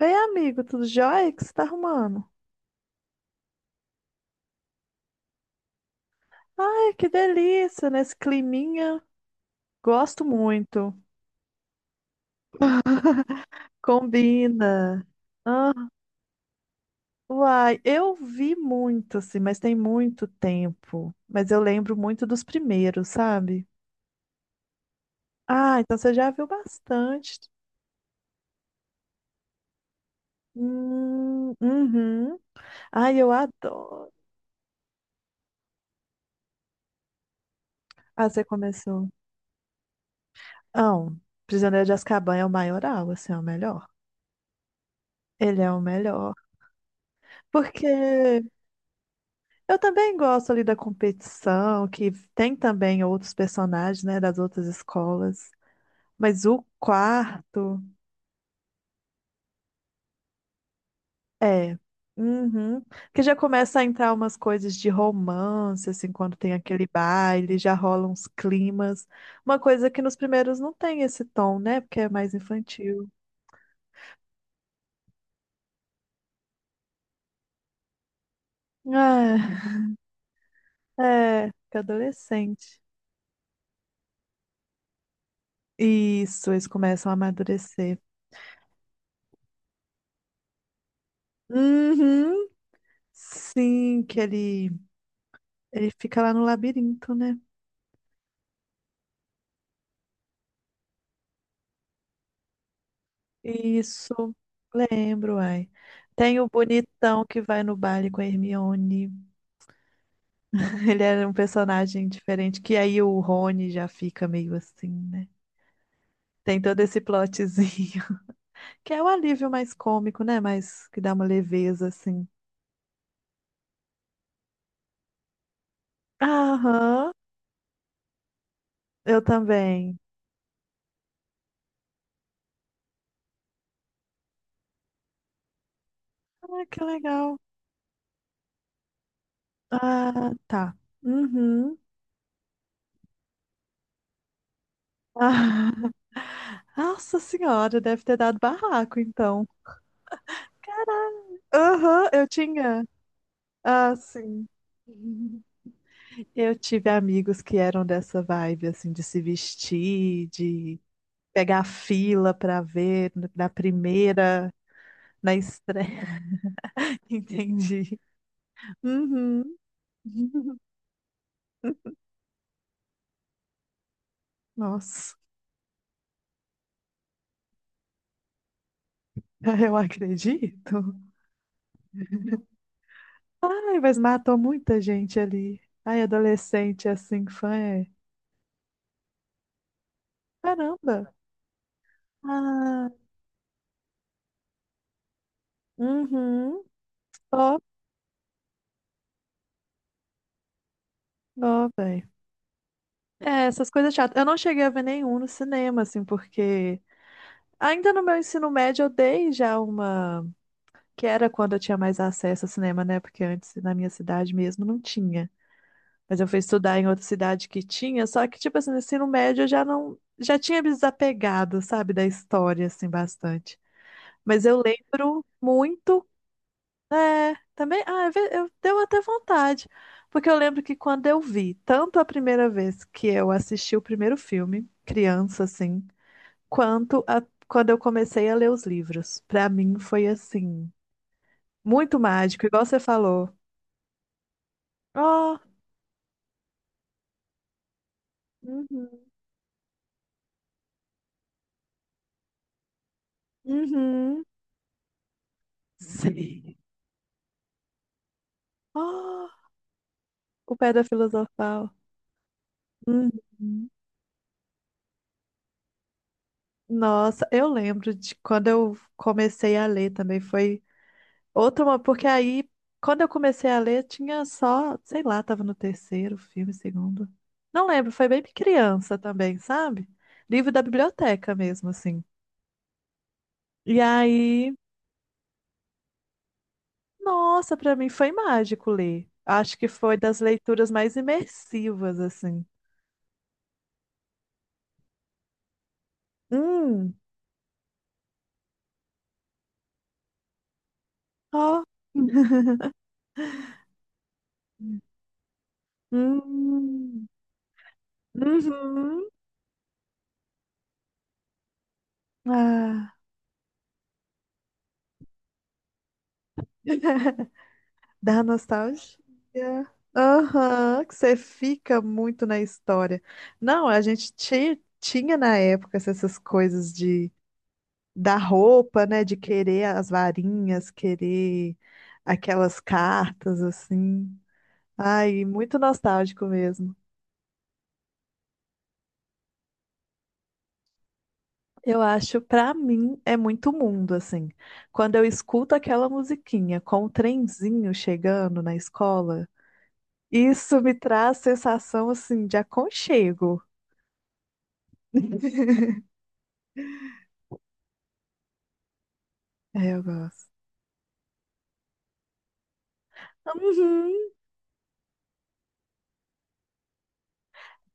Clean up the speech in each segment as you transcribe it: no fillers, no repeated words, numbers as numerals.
Ei, amigo, tudo jóia? O que você tá arrumando? Ai, que delícia, nesse climinha. Gosto muito. Combina. Ah, uai, eu vi muito, assim, mas tem muito tempo. Mas eu lembro muito dos primeiros, sabe? Ah, então você já viu bastante. Uhum. Ai, eu adoro. Ah, você começou. Não, Prisioneiro de Azkaban é o maioral, assim, é o melhor. Ele é o melhor. Porque eu também gosto ali da competição, que tem também outros personagens, né, das outras escolas. Mas o quarto é. Uhum. Que já começa a entrar umas coisas de romance, assim, quando tem aquele baile, já rolam uns climas. Uma coisa que nos primeiros não tem esse tom, né? Porque é mais infantil. É, é, fica adolescente. Isso, eles começam a amadurecer. Uhum. Sim, que ele fica lá no labirinto, né? Isso, lembro, ai. Tem o bonitão que vai no baile com a Hermione. Ele era um personagem diferente, que aí o Rony já fica meio assim, né? Tem todo esse plotzinho, que é o alívio mais cômico, né? Mas que dá uma leveza, assim. Aham, eu também. Ah, que legal. Ah, tá. Uhum. Ah, nossa senhora, deve ter dado barraco, então. Aham, eu tinha. Ah, sim. Eu tive amigos que eram dessa vibe, assim, de se vestir, de pegar fila pra ver na primeira, na estreia, entendi. Uhum. Nossa, eu acredito. Ai, mas matou muita gente ali. Ai, adolescente assim, fã é. Caramba. Ah, uhum. Ó, ó, velho. É, essas coisas chatas. Eu não cheguei a ver nenhum no cinema, assim, porque ainda no meu ensino médio eu dei já uma que era quando eu tinha mais acesso ao cinema, né? Porque antes, na minha cidade mesmo, não tinha. Mas eu fui estudar em outra cidade que tinha, só que, tipo assim, no ensino médio eu já não. Já tinha me desapegado, sabe, da história, assim, bastante. Mas eu lembro muito. É, também. Ah, deu até vontade. Porque eu lembro que quando eu vi, tanto a primeira vez que eu assisti o primeiro filme, criança, assim, quanto quando eu comecei a ler os livros. Pra mim foi assim. Muito mágico, igual você falou. Oh, uhum, uhum. Sim. Oh, o Pedra Filosofal. Uhum. Nossa, eu lembro de quando eu comecei a ler também, foi outra, porque aí, quando eu comecei a ler, tinha só, sei lá, tava no terceiro filme, segundo. Não lembro, foi bem criança também, sabe? Livro da biblioteca mesmo, assim. E aí, nossa, pra mim foi mágico ler. Acho que foi das leituras mais imersivas, assim. Hum. Ó. Hum. Uhum. Ah. Dá nostalgia. Aham, que você fica muito na história. Não, a gente tinha na época essas coisas de da roupa, né? De querer as varinhas, querer aquelas cartas, assim. Ai, muito nostálgico mesmo. Eu acho, pra mim, é muito mundo, assim. Quando eu escuto aquela musiquinha com o trenzinho chegando na escola, isso me traz sensação, assim, de aconchego. É, eu gosto. Uhum,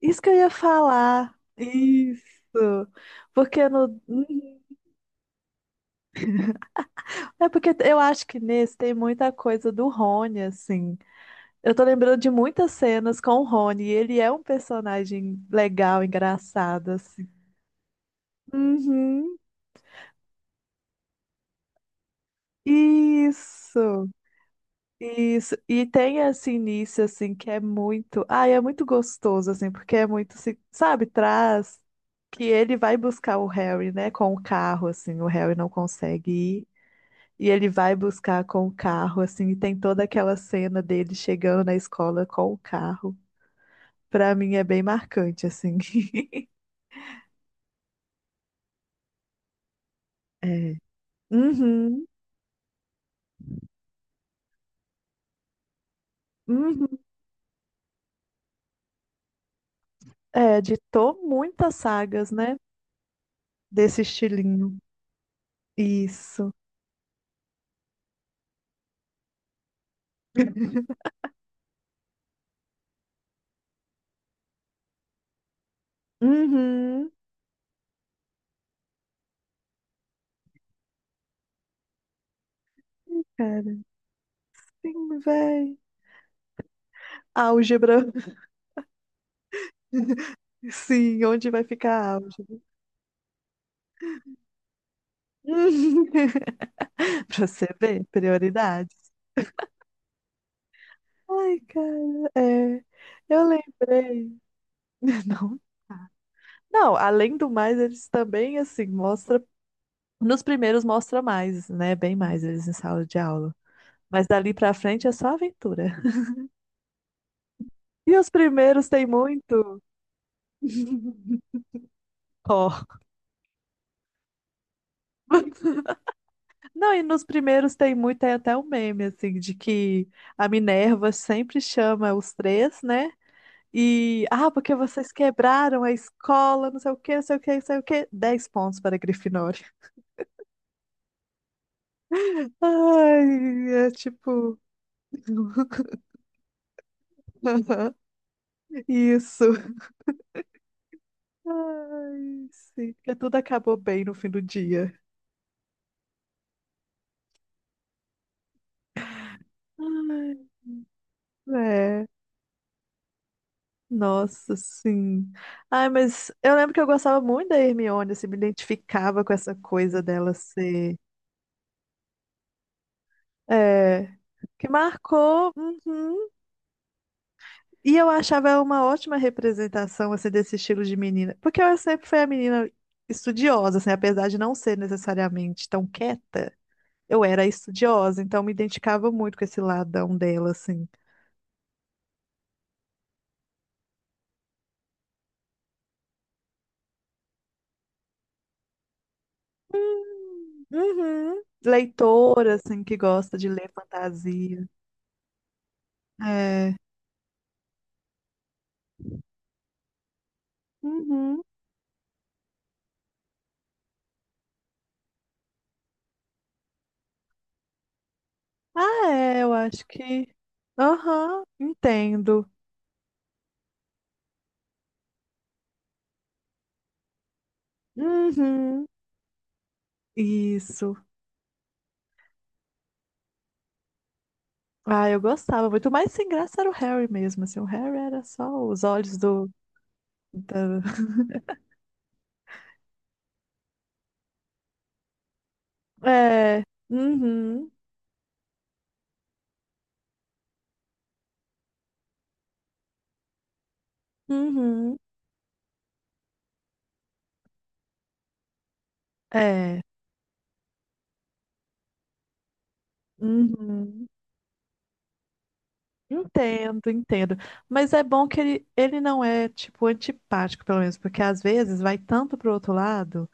isso que eu ia falar. Isso. Porque no. Uhum. É porque eu acho que nesse tem muita coisa do Rony, assim. Eu tô lembrando de muitas cenas com o Rony, e ele é um personagem legal, engraçado, assim. Uhum. Isso, isso. E tem esse início, assim, que é muito. Ai, é muito gostoso, assim, porque é muito, assim, sabe, traz que ele vai buscar o Harry, né, com o carro, assim, o Harry não consegue ir. E ele vai buscar com o carro, assim, e tem toda aquela cena dele chegando na escola com o carro. Pra mim é bem marcante, assim. É. Uhum, uhum. É, ditou muitas sagas, né, desse estilinho. Isso. Uhum. Cara, sim, véi. Álgebra. Sim, onde vai ficar a álgebra? Uhum. Pra você ver, prioridades. Ai, cara, é. Eu lembrei. Não, não, além do mais, eles também, assim, mostra. Nos primeiros mostra mais, né? Bem mais eles em sala de aula. Mas dali pra frente é só aventura. E os primeiros tem muito. Ó. Não, e nos primeiros tem muito, tem até o meme, assim, de que a Minerva sempre chama os três, né? E, ah, porque vocês quebraram a escola, não sei o quê, não sei o quê, não sei o quê. 10 pontos para a Grifinória. Ai, é tipo... Isso. Ai, sim, porque tudo acabou bem no fim do dia. Ai, é. Nossa, sim. Ai, mas eu lembro que eu gostava muito da Hermione, assim, me identificava com essa coisa dela ser. É, que marcou, uhum. E eu achava ela uma ótima representação assim desse estilo de menina, porque ela sempre foi a menina estudiosa, assim, apesar de não ser necessariamente tão quieta, eu era estudiosa, então me identificava muito com esse ladão dela, assim. Uhum. Leitora, assim, que gosta de ler fantasia. É. Uhum. Ah, é, eu acho que. Aham, entendo. Uhum. Isso. Ah, eu gostava muito, mas sem graça era o Harry mesmo, assim. O Harry era só os olhos do... da- É. Uhum. Uhum. É. Uhum. Entendo, entendo. Mas é bom que ele não é, tipo, antipático, pelo menos, porque às vezes vai tanto pro outro lado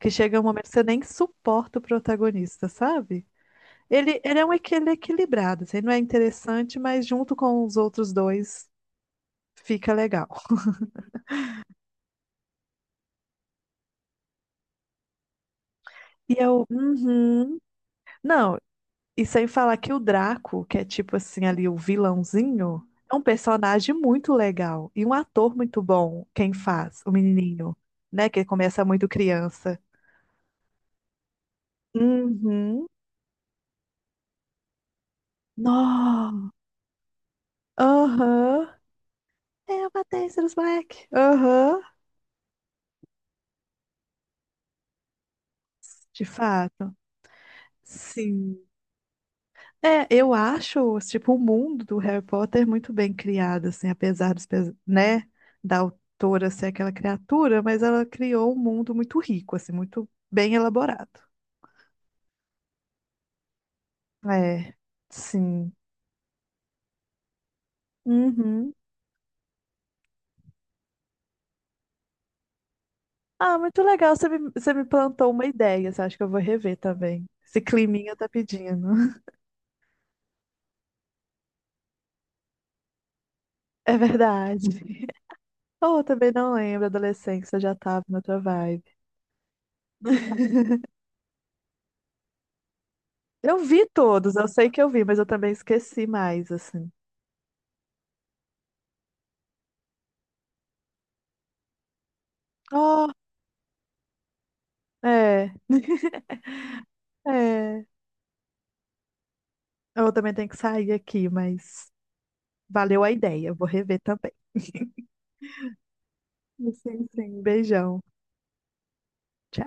que chega um momento que você nem suporta o protagonista, sabe? Ele é equilibrado, assim, ele não é interessante, mas junto com os outros dois fica legal. E eu, uhum. Não, e sem falar que o Draco, que é tipo assim ali o vilãozinho, é um personagem muito legal e um ator muito bom, quem faz, o menininho, né, que começa muito criança. Uhum. Nó. Aham. É uma Tênis Black. Aham. De fato. Sim. É, eu acho, tipo, o mundo do Harry Potter muito bem criado, assim, apesar dos, né, da autora ser aquela criatura, mas ela criou um mundo muito rico, assim, muito bem elaborado. É, sim. Uhum. Ah, muito legal, você me plantou uma ideia, assim, acho que eu vou rever também. Esse climinha tá pedindo. É verdade. Oh, eu também não lembro, adolescência já tava na outra vibe. Eu vi todos, eu sei que eu vi, mas eu também esqueci mais, assim. É, é. Eu também tenho que sair aqui, mas valeu a ideia. Eu vou rever também. Sim, sim. Beijão.